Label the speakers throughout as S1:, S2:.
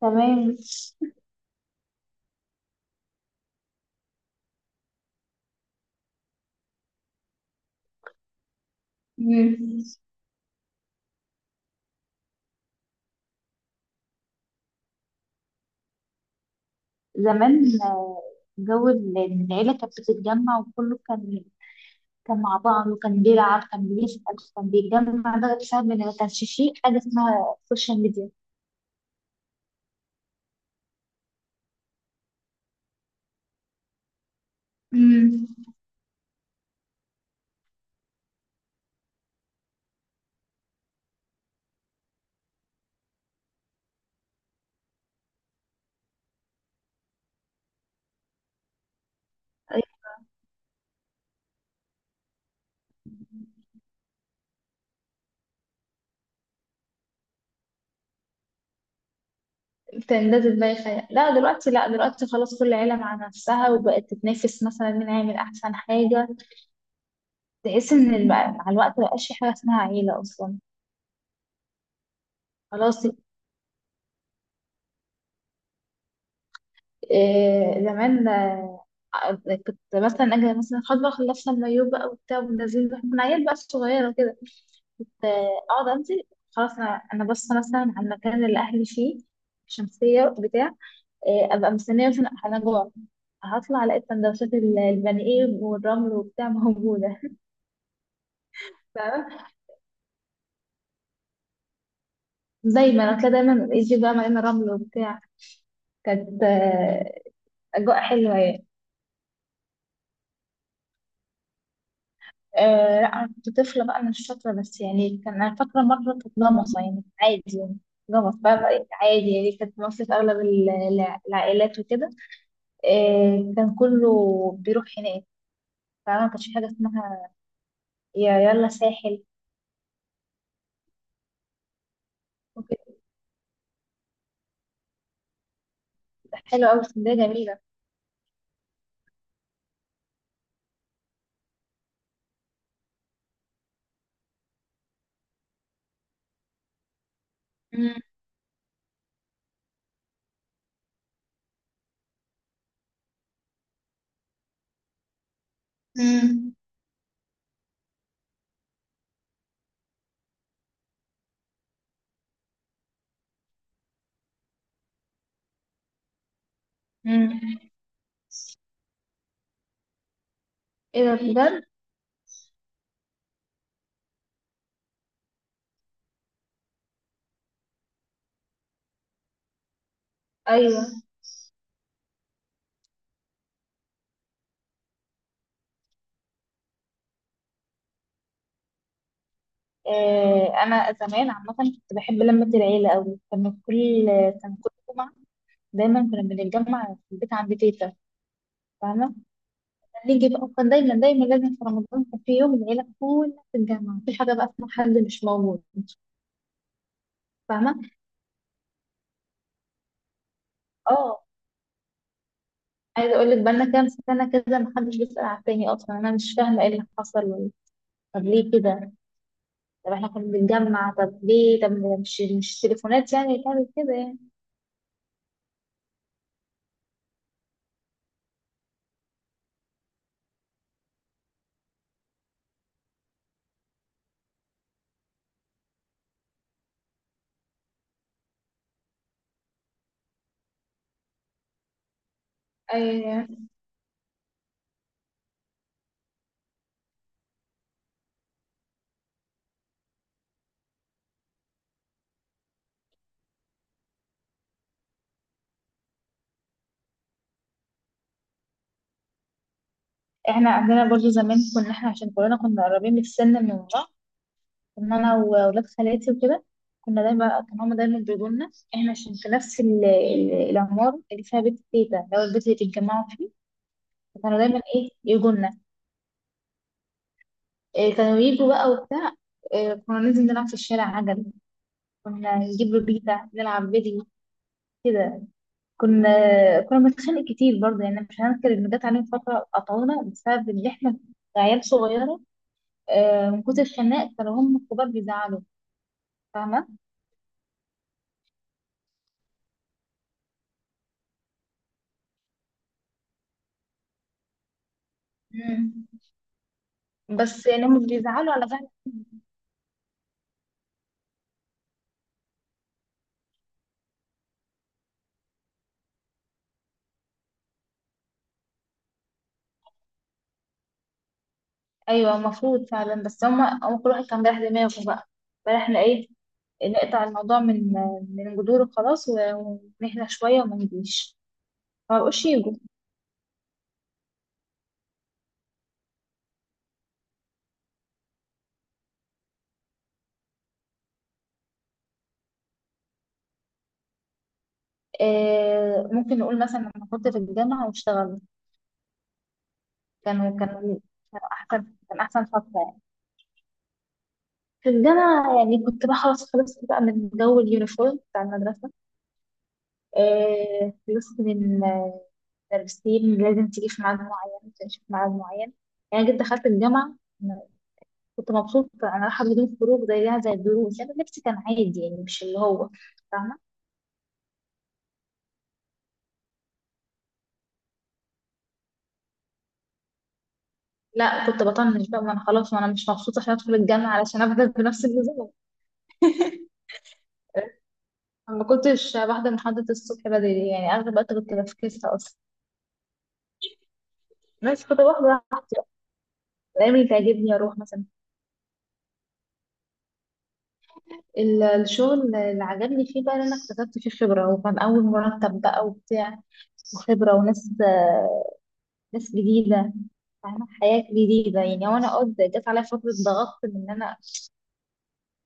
S1: تمام. مم. زمان جو العيلة كانت بتتجمع وكله كان مع بعض، وكان بيلعب، كان بيسأل، كان بيتجمع. ده بسبب إن ما كانش فيه حاجة اسمها سوشيال ميديا. امم كان ده دماغي خيال. لا دلوقتي لا دلوقتي خلاص، كل عيلة مع نفسها وبقت تتنافس مثلا مين هيعمل أحسن حاجة. تحس إن مع الوقت مبقاش في حاجة اسمها عيلة أصلا. خلاص. زمان كنت مثلا اجي مثلا خلاص بقى، خلصنا المايوه بقى وبتاع ونازلين بقى، كنا عيال بقى صغيره كده كنت، اقعد انزل. خلاص، انا باصه مثلا على المكان اللي اهلي فيه، شمسيه بتاع. ابقى مستنيه، مثلا انا جوع، هطلع الاقي سندوتشات البني ايه والرمل وبتاع موجوده فاهمة؟ دايما هتلاقي دايما يجي بقى مليان رمل وبتاع. كانت اجواء حلوه يعني. آه، لا انا كنت طفله بقى، انا مش فاكره، بس يعني كان انا فاكره مره كانت غمصه يعني عادي يعني. غمص بقى عادي يعني. كانت مصر في اغلب العائلات وكده. آه، كان كله بيروح هناك. فما كانش حاجه اسمها يا يلا ساحل وكده. حلوه قوي اسكندريه، جميله. مم. مم. مم. ايه ده بجد؟ ايوه. آه، انا زمان عامه كنت بحب لمه العيله قوي. كان كل جمعه دايما كنا بنتجمع في البيت عند تيتا. فاهمه؟ نيجي بقى، كان دايما دايما لازم في رمضان كان في يوم العيلة كلها تتجمع، مفيش حاجة بقى اسمها حد مش موجود. فاهمة؟ اه، عايزة اقول لك بقالنا كام سنة كده محدش بيسأل على التاني اصلا، انا مش فاهمة ايه اللي حصل ولا. طب ليه كده؟ طب احنا كنا بنتجمع، طب ليه؟ طب مش تليفونات يعني اللي تعمل كده يعني. أي... احنا عندنا برضو زمان، كنا احنا عشان كلنا كنا قريبين من السن، من لما انا واولاد خالاتي وكده كنا دايما، كان هما دايما بيقولوا لنا احنا عشان في نفس العمارة اللي فيها بيت تيتا اللي هو البيت اللي بيتجمعوا فيه. فكانوا دايما ايه يجوا لنا. إيه كانوا يجوا بقى وبتاع. إيه كنا ننزل نلعب في الشارع عجل، كنا نجيب بيتا نلعب بدي كده. كنا كنا بنتخانق كتير برضه يعني، مش هنذكر ان جت علينا فترة قطعونا بسبب ان احنا عيال صغيرة. من كتر الخناق كانوا هم الكبار بيزعلوا. فاهمة؟ مم. بس يعني هم بيزعلوا على فعل. ايوه المفروض فعلا، بس هما هو كل واحد كان بيريح دماغه بقى. فاحنا ايه، نقطع الموضوع من جذوره خلاص، ونهدى شويه وما نجيش. ما بقوش يجوا. آه، ممكن نقول مثلا لما كنت في الجامعه واشتغلت. كانوا إيه؟ كانوا احسن، كان احسن فتره يعني. في الجامعه يعني، كنت بقى خلاص خلصت بقى من جو اليونيفورم بتاع المدرسه. آه، خلصت من، المدرسين لازم تيجي في ميعاد معين، تمشي في ميعاد معين. يعني جيت دخلت الجامعه، كنت مبسوطة. أنا رايحة بدون خروج زيها زي الدروس، أنا لبسي كان عادي يعني، مش اللي هو. فاهمة. لا، كنت بطنش بقى، ما أنا خلاص، ما أنا مش مبسوطة عشان أدخل الجامعة علشان أفضل بنفس النظام. ما كنتش بحضر محاضرة الصبح بدري يعني، أغلب الوقت كنت بفكسها أصلا. بس كنت بحضر الأيام اللي تعجبني، أروح مثلا. الشغل اللي عجبني فيه بقى إن أنا اكتسبت فيه خبرة، وكان أول مرتب بقى وبتاع، وخبرة وناس، ناس جديدة. فاهمة، حياة جديدة يعني. وأنا قد جت عليا فترة ضغط من إن أنا،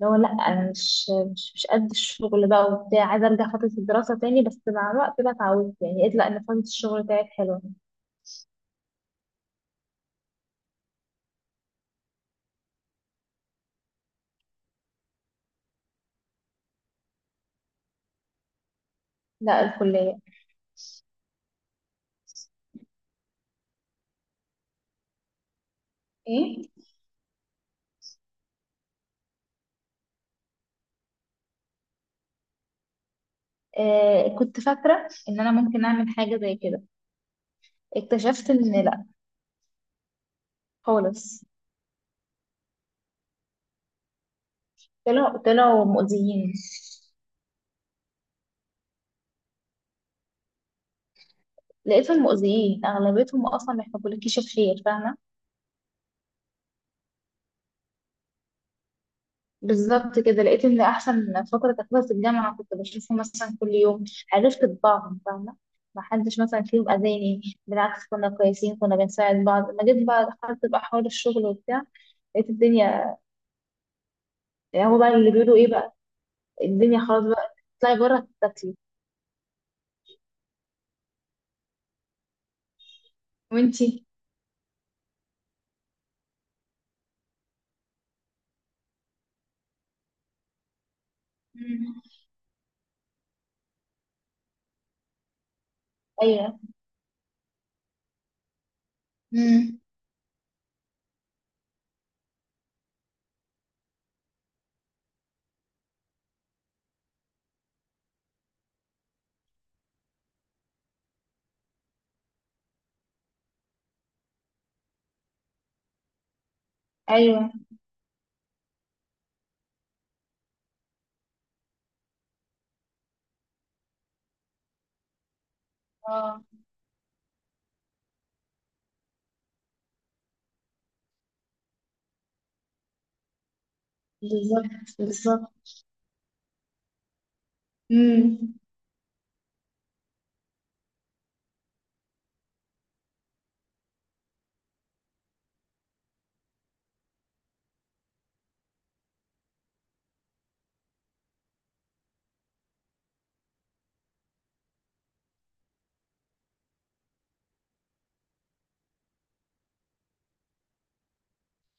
S1: اللي هو لا انا مش قد الشغل بقى وبتاع، عايزه ارجع فتره الدراسه تاني. بس مع الوقت بقى اتعودت يعني، قلت لا، ان فتره الشغل بتاعت حلوه. لا، الكليه. ايه. آه، كنت فاكره ان انا ممكن اعمل حاجه زي كده. اكتشفت ان لا. خالص. طلعوا، طلعوا مؤذيين. لقيتهم مؤذيين، اغلبيتهم اصلا ما يحبولكيش الخير. فاهمه. بالظبط كده، لقيت ان احسن فتره تاخدها في الجامعه، كنت بشوفهم مثلا كل يوم، عرفت طباعهم. فاهمه، ما حدش مثلا فيهم اذاني، بالعكس كنا كويسين، كنا بنساعد بعض. لما جيت بقى دخلت بقى حوار الشغل وبتاع، لقيت الدنيا، يعني هو بقى اللي بيقولوا ايه بقى، الدنيا خلاص بقى تطلعي بره تاكلي. وانتي؟ مم. ايوه. مم. ايوه. اه، بالظبط. بالظبط. مم.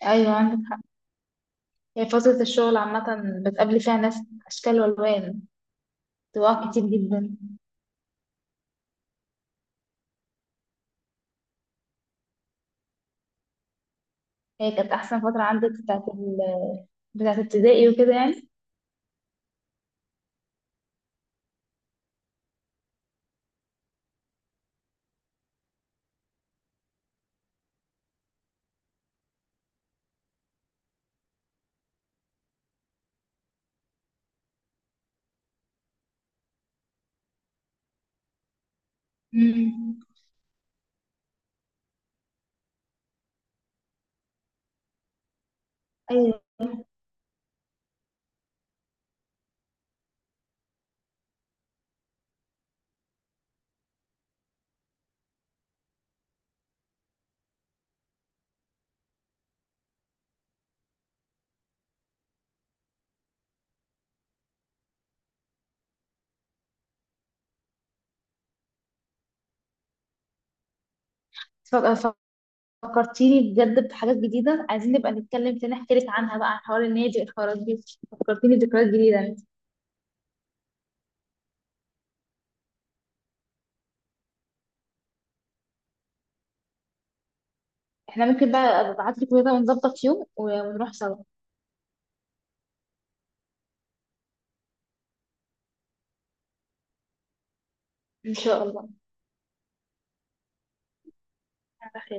S1: ايوه، عندك حق. هي فتره الشغل عامه بتقابلي فيها ناس، اشكال والوان، طباع كتير جدا. هي كانت احسن فتره عندك بتاعت بتاعت ابتدائي وكده يعني. امم ايوه. ف- فكرتيني بجد بحاجات جديده، عايزين نبقى نتكلم تاني، احكي لك عنها بقى، عن حوار النادي والحوارات دي. فكرتيني بذكريات جديده يعني. احنا ممكن بقى ابعت لك كده ونظبط يوم ونروح سوا. ان شاء الله. على خير.